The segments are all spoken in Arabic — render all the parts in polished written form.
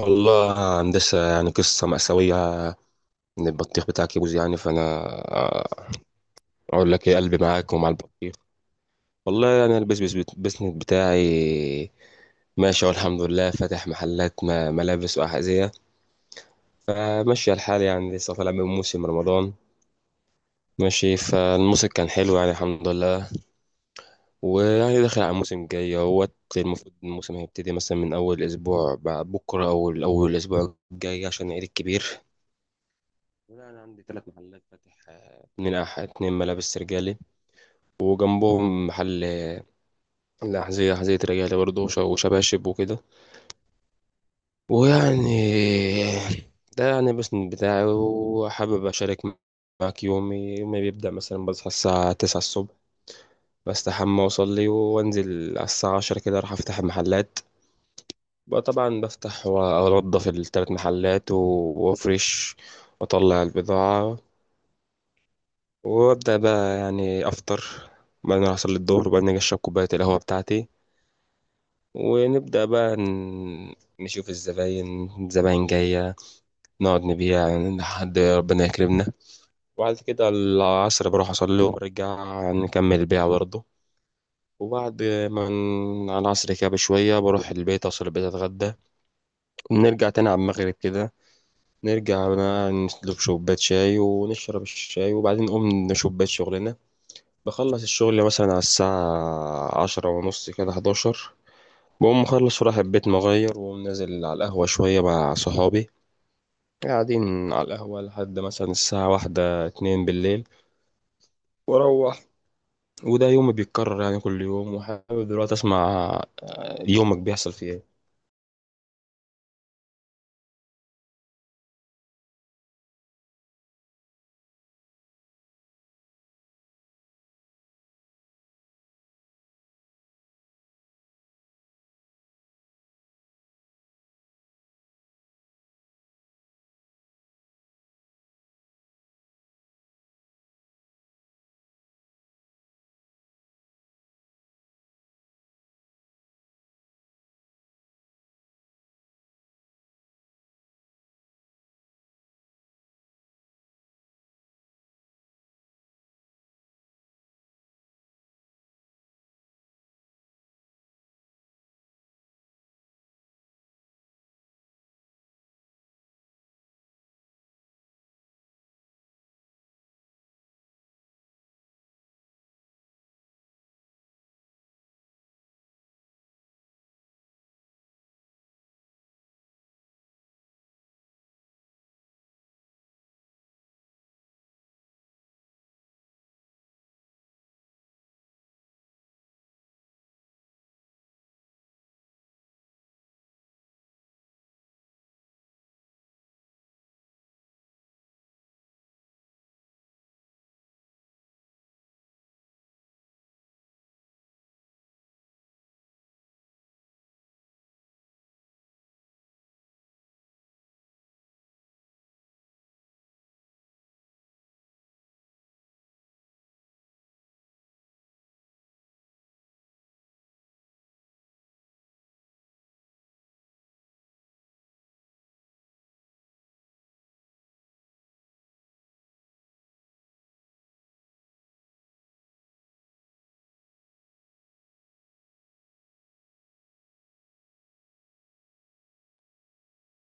والله هندسة، يعني قصة مأساوية إن البطيخ بتاعك يبوظ. يعني فأنا آه، أقول لك إيه، قلبي معاك ومع البطيخ. والله أنا البيزنس البيزنس بتاعي ماشي والحمد لله. فاتح محلات ملابس وأحذية. فماشي الحال يعني لسه طالع من موسم رمضان ماشي، فالموسم كان حلو يعني الحمد لله. ويعني داخل على الموسم الجاي اهوت، المفروض الموسم هيبتدي مثلا من أول أسبوع بعد بكرة أو أول أسبوع الجاي عشان العيد الكبير. لا، انا عندي ثلاث محلات فاتح، اتنين اتنين ملابس رجالي، وجنبهم محل الأحذية، أحذية رجالي برضه وش- وشباشب وكده. ويعني ده يعني بس بتاعي، وحابب أشارك معاك. يومي يومي بيبدأ مثلا بصحى الساعة 9 الصبح، بستحمى وأصلي وأنزل على الساعة 10 كده أروح أفتح المحلات. بقى طبعا بفتح وأنضف التلات محلات و وأفرش وأطلع البضاعة. وابدا بقى يعني افطر، بعدين احصل للظهر، وبعدين اجي اشرب كوبايه القهوه بتاعتي. ونبدا بقى نشوف الزباين الزباين جايه، نقعد نبيع لحد ربنا يكرمنا. وبعد كده العصر بروح اصلي وبرجع نكمل البيع برضه. وبعد ما على العصر كده بشويه بروح البيت، اوصل البيت اتغدى، ونرجع تاني على المغرب كده. نرجع بقى نشرب كوبايه شاي ونشرب الشاي، وبعدين نقوم نشوف بيت شغلنا. بخلص الشغل مثلا على الساعة 10:30 كده 11، بقوم مخلص ورايح البيت، مغير ونازل على القهوة شوية مع صحابي. قاعدين على القهوة لحد مثلا الساعة 1 2 بالليل، وأروح. وده يومي بيتكرر يعني كل يوم. وحابب دلوقتي أسمع يومك بيحصل فيه إيه؟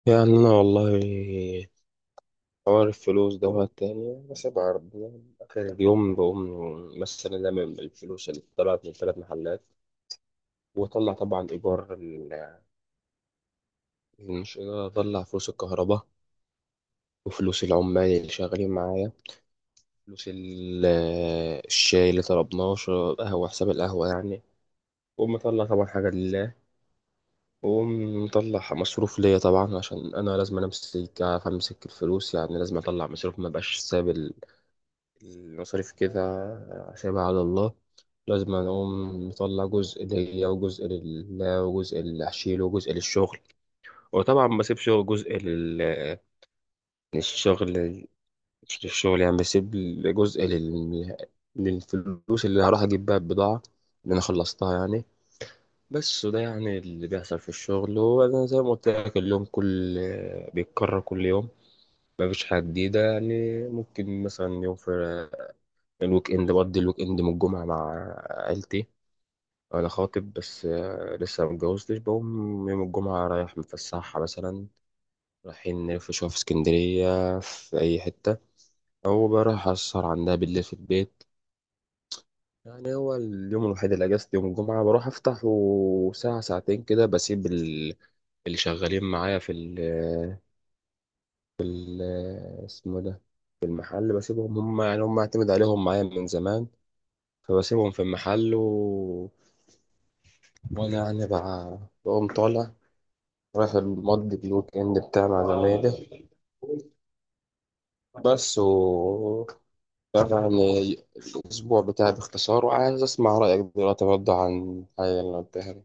يعني أنا والله حوار الفلوس دوت تاني بسيبها ربنا. آخر اليوم بقوم مثلا لمم الفلوس اللي طلعت من ثلاث محلات، وأطلع طبعا إيجار، المشكلة أضيع فلوس الكهرباء وفلوس العمال اللي شغالين معايا، فلوس الشاي اللي طلبناه، شرب قهوة، حساب القهوة يعني. وأقوم مطلع طبعا حاجة لله، وأقوم مطلع مصروف ليا طبعا عشان أنا لازم أمسك، أعرف أمسك الفلوس يعني. لازم أطلع مصروف، مبقاش ساب المصاريف كده سايبها على الله. لازم أقوم مطلع جزء ليا وجزء لله وجزء اللي هشيله وجزء للشغل. وطبعا ما بسيبش جزء للشغل، مش للشغل يعني، بسيب جزء للفلوس اللي هروح اجيب بيها البضاعة اللي انا خلصتها يعني. بس، وده يعني اللي بيحصل في الشغل. وانا زي ما قلت لك، اليوم كل بيتكرر كل يوم، ما فيش حاجة جديدة يعني. ممكن مثلا يوم في الويك اند بقضي الويك اند من الجمعة مع عيلتي، انا خاطب بس لسه ما اتجوزتش. بقوم يوم الجمعة رايح متفسحها مثلا، رايحين نلف شوية في اسكندرية في أي حتة، أو بروح أسهر عندها بالليل في البيت. يعني هو اليوم الوحيد اللي اجازتي يوم الجمعه، بروح افتح وساعه ساعتين كده بسيب اللي شغالين معايا في ال اسمه ده، في المحل بسيبهم هم، يعني هم اعتمد عليهم معايا من زمان. فبسيبهم في المحل وانا يعني بقى بقوم طالع رايح المضي الويك اند بتاعي مع زمايلي. بس، و، يعني، الاسبوع بتاعي باختصار، وعايز اسمع رايك دلوقتي برضه عن الحاجه اللي قلتها.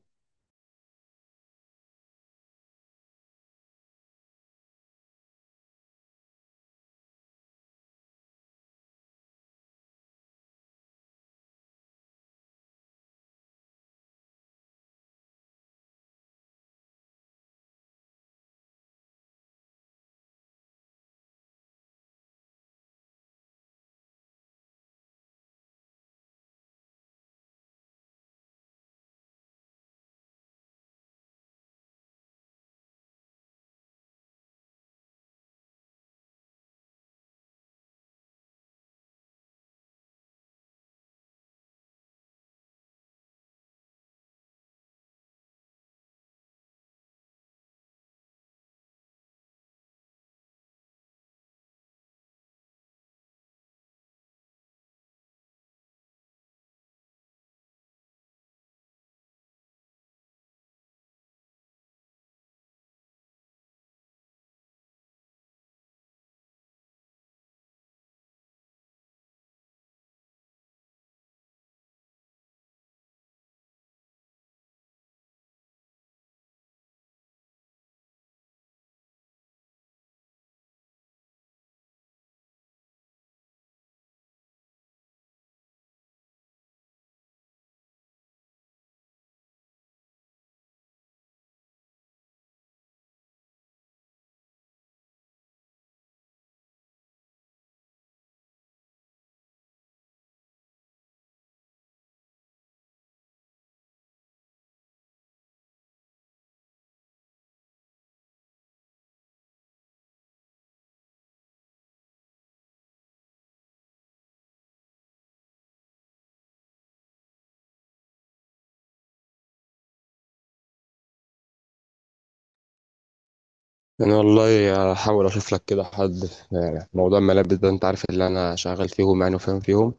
انا والله هحاول اشوف لك كده حد، يعني موضوع الملابس ده انت عارف اللي انا شغال فيهم يعني وفاهم فيهم.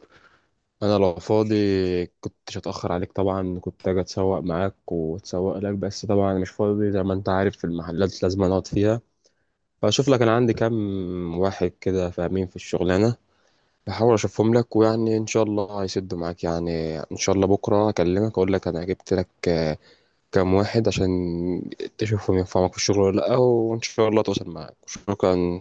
انا لو فاضي كنتش اتاخر عليك طبعا، كنت اجي اتسوق معاك واتسوق لك، بس طبعا انا مش فاضي زي ما انت عارف، في المحلات لازم اقعد فيها. فاشوف لك، انا عندي كام واحد كده فاهمين في الشغلانه، بحاول اشوفهم لك ويعني ان شاء الله هيسدوا معاك يعني. ان شاء الله بكره اكلمك اقول لك انا جبت لك كام واحد عشان تشوفهم ينفعوك في الشغل ولا لا، وان شاء الله توصل معاك. شكرا.